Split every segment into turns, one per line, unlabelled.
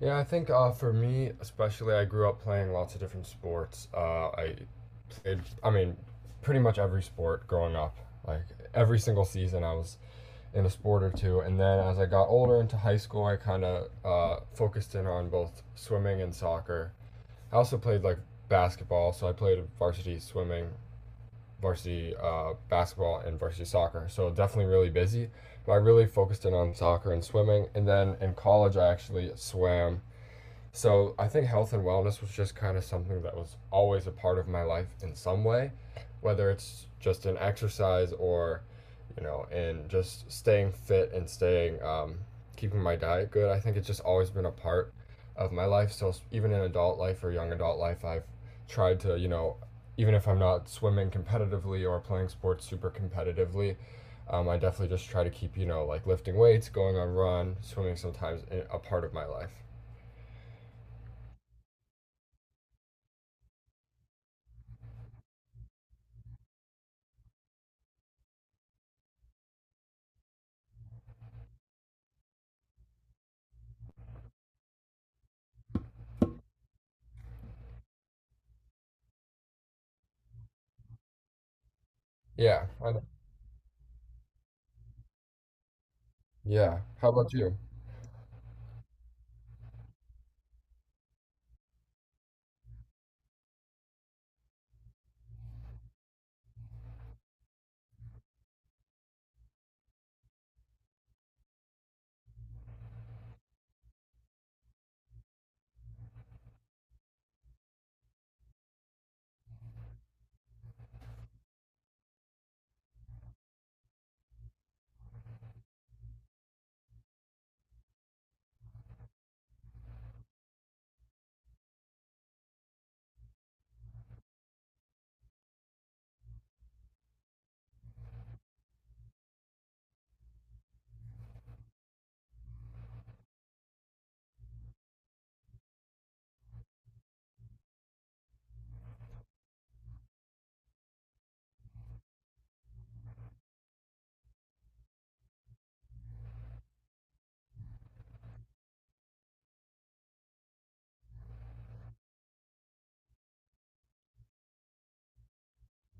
Yeah, I think for me, especially, I grew up playing lots of different sports. I played, I mean, pretty much every sport growing up. Like every single season, I was in a sport or two. And then as I got older into high school, I kind of focused in on both swimming and soccer. I also played like basketball, so I played varsity swimming, varsity basketball, and varsity soccer. So definitely really busy. But I really focused in on soccer and swimming. And then in college, I actually swam, so I think health and wellness was just kind of something that was always a part of my life in some way, whether it's just in exercise or, you know, in just staying fit and staying, keeping my diet good. I think it's just always been a part of my life. So even in adult life or young adult life, I've tried to, you know, even if I'm not swimming competitively or playing sports super competitively, I definitely just try to keep, you know, like lifting weights, going on run, a part of my life. Yeah, I Yeah. How about you?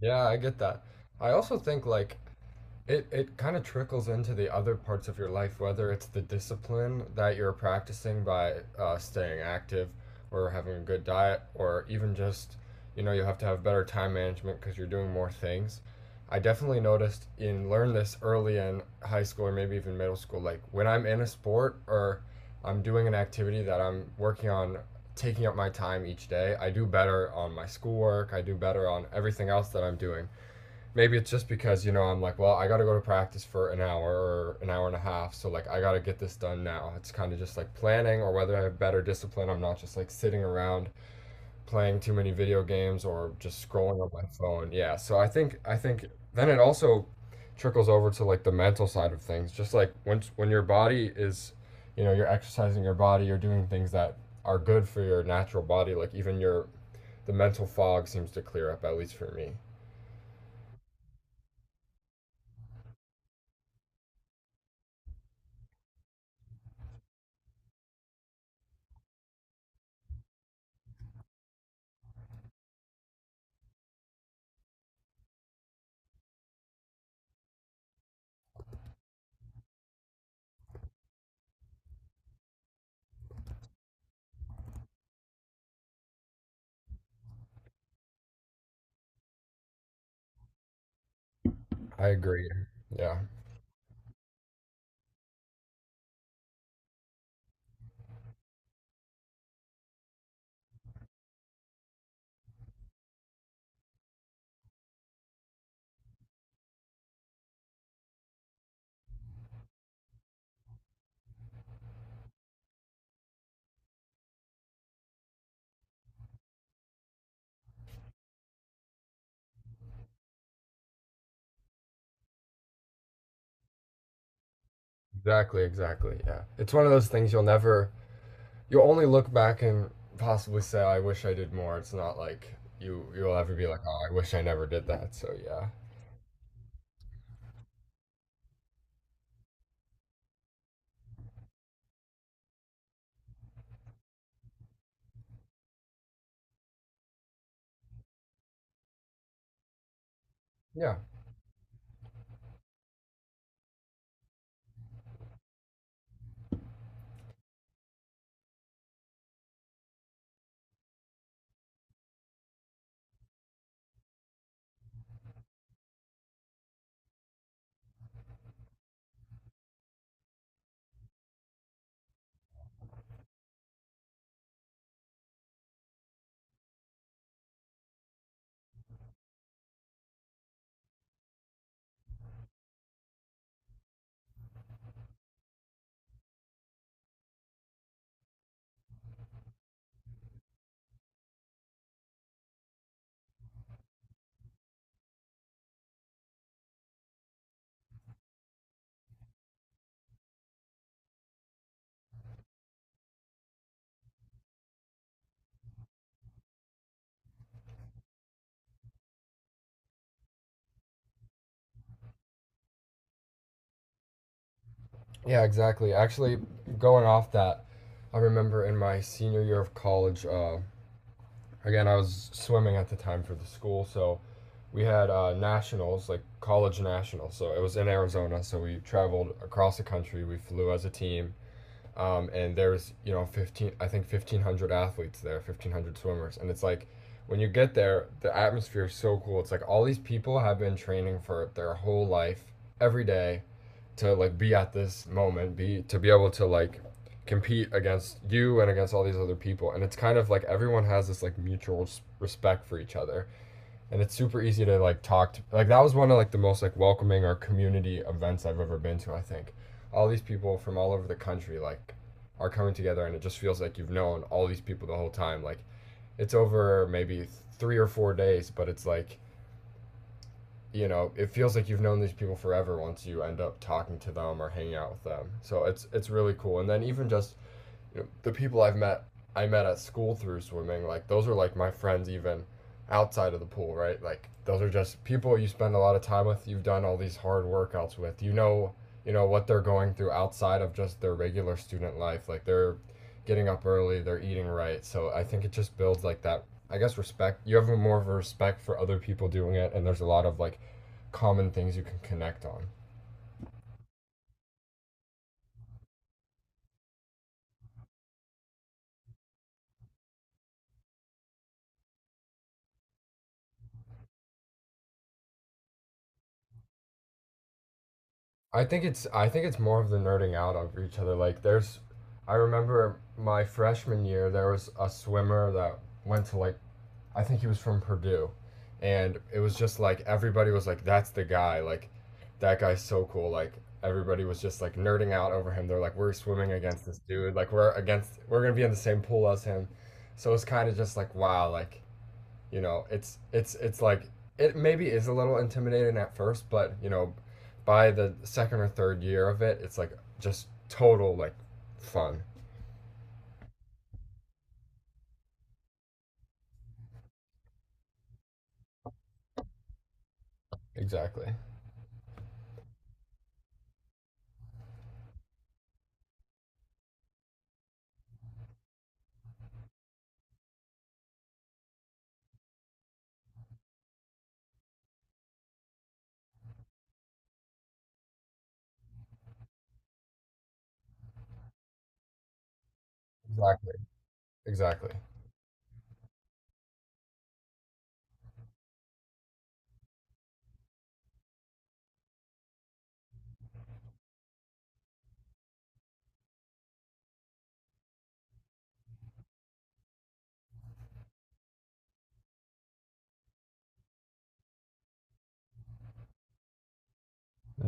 Yeah, I get that. I also think like it kind of trickles into the other parts of your life, whether it's the discipline that you're practicing by staying active or having a good diet, or even just, you know, you have to have better time management because you're doing more things. I definitely noticed in learn this early in high school or maybe even middle school, like when I'm in a sport or I'm doing an activity that I'm working on taking up my time each day. I do better on my schoolwork. I do better on everything else that I'm doing. Maybe it's just because, you know, I'm like, well, I got to go to practice for an hour or an hour and a half. So, like, I got to get this done now. It's kind of just like planning, or whether I have better discipline. I'm not just like sitting around playing too many video games or just scrolling on my phone. Yeah, so I think then it also trickles over to like the mental side of things. Just like when your body is, you know, you're exercising your body, you're doing things that are good for your natural body, like even your the mental fog seems to clear up at least for me. I agree. Yeah. Exactly, exactly. Yeah. It's one of those things you'll never, you'll only look back and possibly say I wish I did more. It's not like you'll ever be like, "Oh, I wish I never did that." So, yeah. Yeah, yeah, exactly. Actually, going off that, I remember in my senior year of college, again, I was swimming at the time for the school, so we had nationals, like college nationals. So it was in Arizona, so we traveled across the country. We flew as a team, and there was, you know, I think 1,500 athletes there, 1,500 swimmers. And it's like, when you get there, the atmosphere is so cool. It's like all these people have been training for their whole life, every day, to like be at this moment, be to be able to like compete against you and against all these other people, and it's kind of like everyone has this like mutual respect for each other, and it's super easy to like talk to. Like that was one of like the most like welcoming or community events I've ever been to. I think all these people from all over the country like are coming together, and it just feels like you've known all these people the whole time. Like it's over maybe 3 or 4 days, but it's like, you know, it feels like you've known these people forever once you end up talking to them or hanging out with them. So it's really cool. And then even just, you know, the people I've met, I met at school through swimming, like those are like my friends even outside of the pool, right? Like those are just people you spend a lot of time with, you've done all these hard workouts with. You know what they're going through outside of just their regular student life. Like they're getting up early, they're eating right. So I think it just builds like that, I guess, respect. You have more of a respect for other people doing it, and there's a lot of like common things you can connect on. I think it's more of the nerding out of each other. Like there's, I remember my freshman year, there was a swimmer that went to like, I think he was from Purdue, and it was just like everybody was like, that's the guy, like that guy's so cool, like everybody was just like nerding out over him. They're like, we're swimming against this dude, like we're going to be in the same pool as him. So it's kind of just like, wow, like, you know, it's like it maybe is a little intimidating at first, but you know, by the second or third year of it, it's like just total like fun. Exactly. Exactly. Exactly.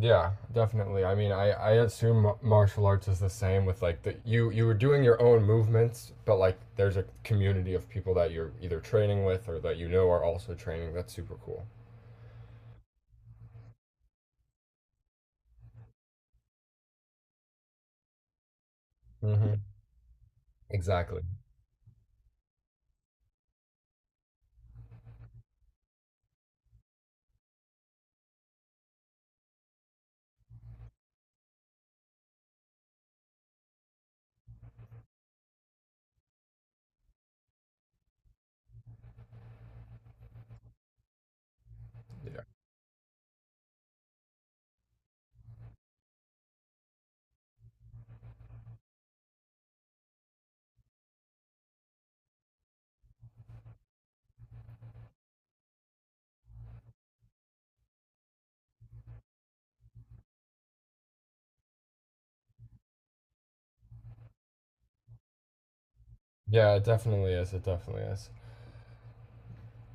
Yeah, definitely. I mean, I assume martial arts is the same with like the you were doing your own movements, but like there's a community of people that you're either training with or that you know are also training. That's super cool. Mm-hmm. Exactly. Yeah. Yeah, it definitely is. It definitely is.